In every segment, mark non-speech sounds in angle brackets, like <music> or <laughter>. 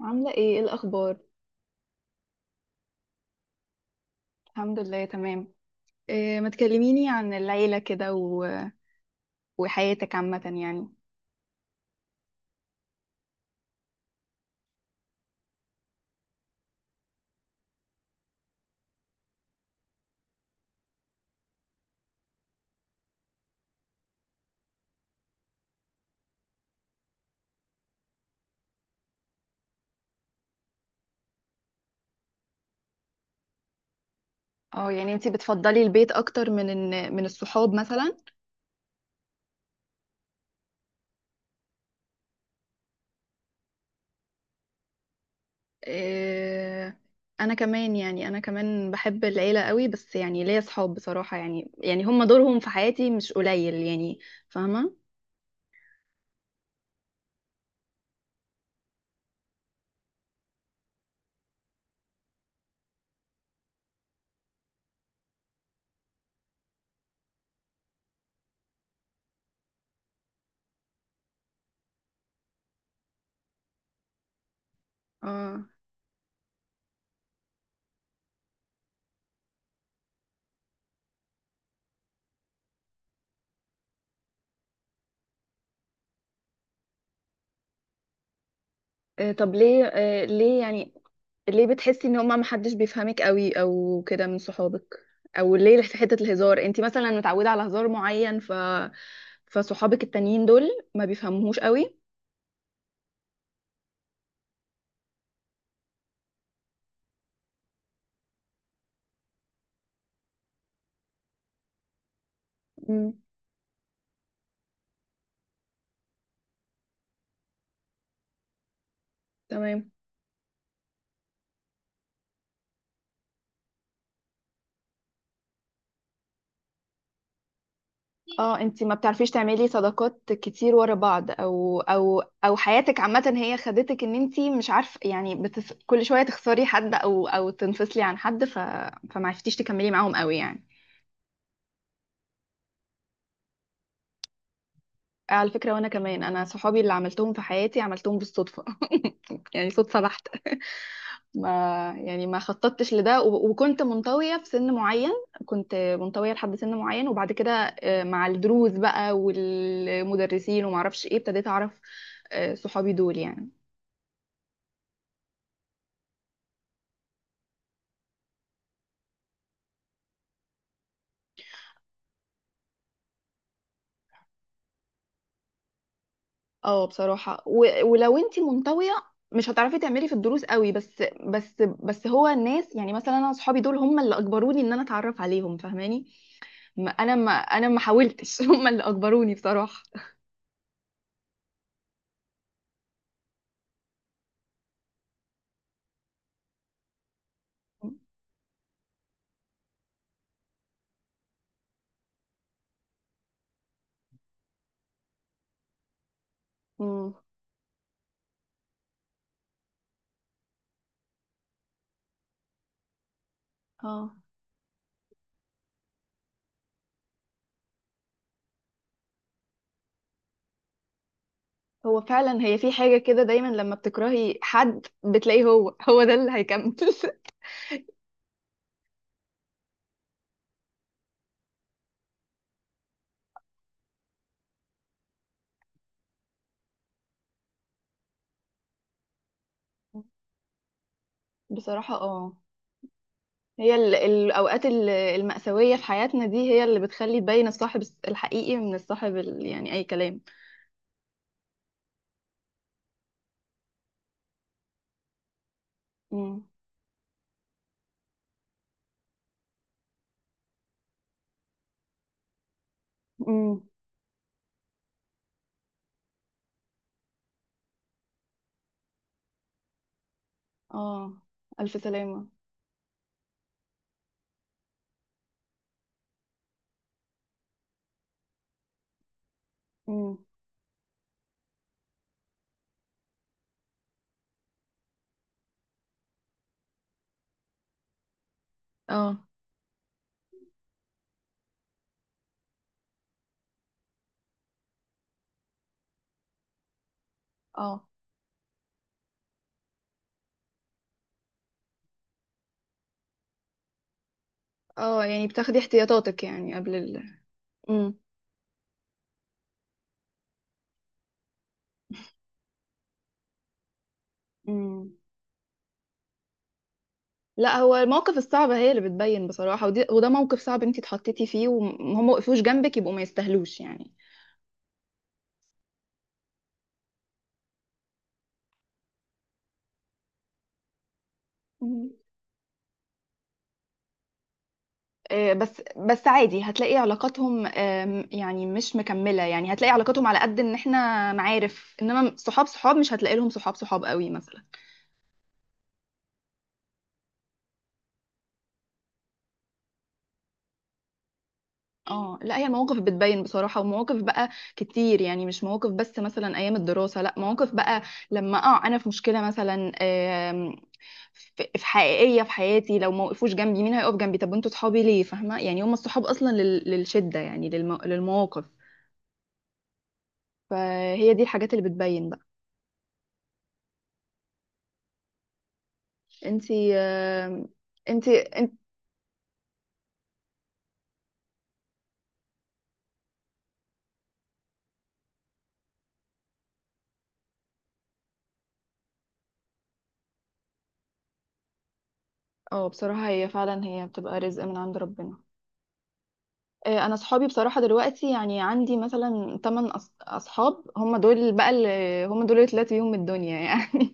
عاملة ايه الأخبار؟ الحمد لله تمام. إيه، ما تكلميني عن العيلة كده وحياتك عامة يعني. اه، يعني انتي بتفضلي البيت أكتر من الصحاب مثلا؟ إيه، أنا كمان يعني أنا كمان بحب العيلة قوي، بس يعني ليا صحاب بصراحة، يعني هم دورهم في حياتي مش قليل يعني. فاهمة؟ اه. إيه طب ليه، إيه ليه يعني؟ ليه بتحسي ان هما محدش بيفهمك قوي او كده من صحابك؟ او ليه في حتة الهزار انت مثلا متعودة على هزار معين، فصحابك التانيين دول ما بيفهموهوش قوي؟ مم. تمام. اه، انت ما بتعرفيش تعملي صداقات كتير ورا بعض، او او او حياتك عامة هي خدتك ان انت مش عارفة يعني كل شوية تخسري حد او او تنفصلي عن حد، فما عرفتيش تكملي معاهم قوي يعني. على فكرة وانا كمان، انا صحابي اللي عملتهم في حياتي عملتهم بالصدفة <laughs> يعني صدفة بحتة <laughs> ما يعني ما خططتش لده، وكنت منطوية في سن معين، كنت منطوية لحد سن معين وبعد كده مع الدروس بقى والمدرسين ومعرفش ايه ابتديت اعرف صحابي دول يعني. اه بصراحة، ولو انتي منطوية مش هتعرفي تعملي في الدروس قوي، بس هو الناس يعني، مثلا انا صحابي دول هم اللي اجبروني ان انا اتعرف عليهم، فاهماني؟ ما انا ما حاولتش <laughs> هم اللي اجبروني بصراحة. امم اه، هو فعلا هي في حاجة كده دايما، لما بتكرهي حد بتلاقيه هو ده اللي هيكمل. <laughs> بصراحة اه، هي الأوقات المأساوية في حياتنا دي هي اللي بتخلي تبين الصاحب الحقيقي من الصاحب يعني أي كلام. امم امم اه. ألف سلامة. امم اه اه، اه يعني بتاخدي احتياطاتك يعني قبل امم لا، هو المواقف الصعبة هي اللي بتبين بصراحة، ودي وده موقف صعب انتي اتحطيتي فيه وهم وقفوش جنبك، يبقوا ما يستاهلوش يعني. مم. بس بس عادي هتلاقي علاقاتهم، يعني مش مكملة، يعني هتلاقي علاقاتهم على قد ان احنا معارف، انما صحاب صحاب مش هتلاقي لهم صحاب صحاب قوي مثلا. اه لا، هي المواقف بتبين بصراحة، ومواقف بقى كتير، يعني مش مواقف بس مثلا أيام الدراسة، لا مواقف بقى. لما اه أنا في مشكلة مثلا في حقيقية في حياتي، لو ما وقفوش جنبي مين هيقف جنبي؟ طب انتوا صحابي ليه، فاهمة يعني؟ هم الصحاب أصلا للشدة يعني، للمواقف. فهي دي الحاجات اللي بتبين بقى. انتي انت اه بصراحة هي فعلا هي بتبقى رزق من عند ربنا. انا اصحابي بصراحه دلوقتي يعني عندي مثلا 8 اصحاب، هم دول بقى اللي، هم دول اللي طلعت بيهم الدنيا يعني.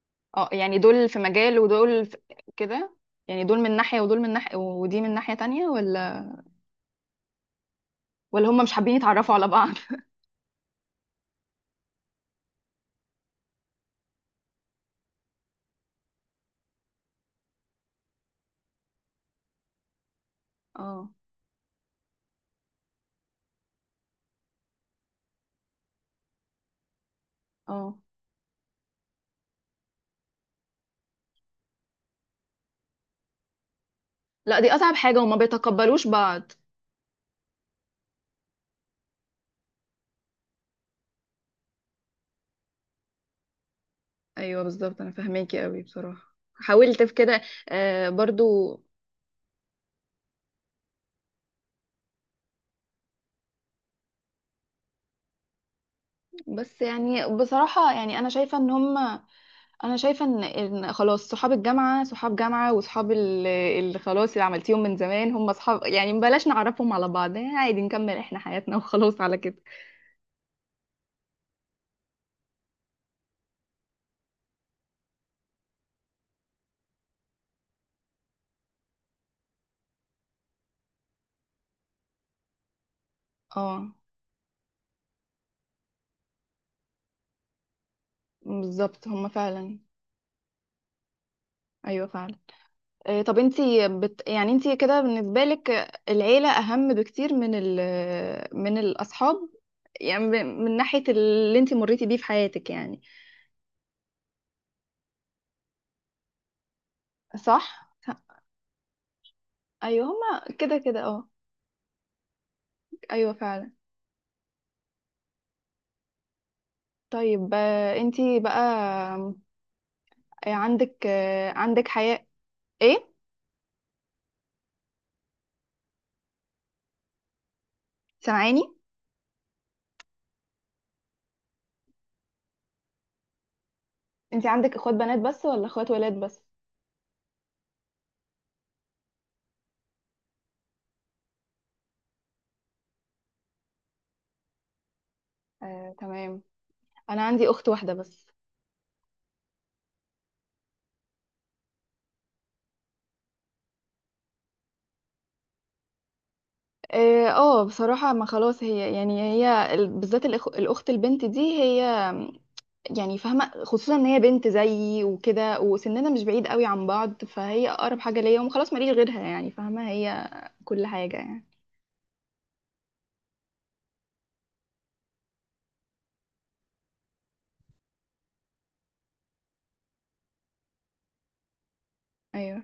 <laughs> اه، يعني دول في مجال ودول في كده يعني، دول من ناحيه ودول من ناحيه ودي من ناحيه تانية، ولا ولا هم مش حابين يتعرفوا على بعض؟ <laughs> اه اه. لا دي اصعب حاجه وما بيتقبلوش بعض. ايوه بالظبط، انا فاهماكي قوي بصراحه، حاولت في كده برضو. بس يعني بصراحه يعني انا شايفه ان هم، انا شايفه ان إن خلاص، صحاب الجامعه صحاب جامعه، وصحاب اللي خلاص اللي عملتيهم من زمان هم صحاب، يعني بلاش نعرفهم على بعض يعني، عادي نكمل احنا حياتنا وخلاص على كده. اه بالظبط هم فعلا. ايوه فعلا. إيه، طب يعني انتي كده بالنسبه لك العيله اهم بكتير من الاصحاب، من ناحيه اللي انتي مريتي بيه في حياتك يعني، صح؟ ايوه هما كده كده اه. ايوه فعلا. طيب انتي بقى عندك عندك حياة، ايه، سامعاني؟ انت عندك اخوات بنات بس ولا اخوات ولاد بس؟ تمام. انا عندي اخت واحدة بس. اه بصراحة، ما خلاص هي يعني هي بالذات الاخت البنت دي هي يعني فاهمة، خصوصا ان هي بنت زيي وكده وسننا مش بعيد قوي عن بعض، فهي اقرب حاجة ليا وخلاص، ماليش غيرها يعني، فاهمة؟ هي كل حاجة يعني. ايوه.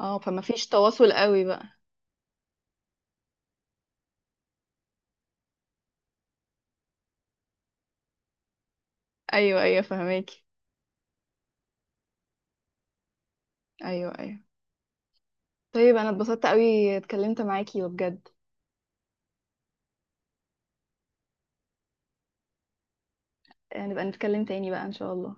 اه فما فيش تواصل قوي بقى. ايوه ايوه فهماكي. ايوه ايوه. طيب انا اتبسطت قوي اتكلمت معاكي وبجد، نبقى نتكلم تاني بقى ان شاء الله.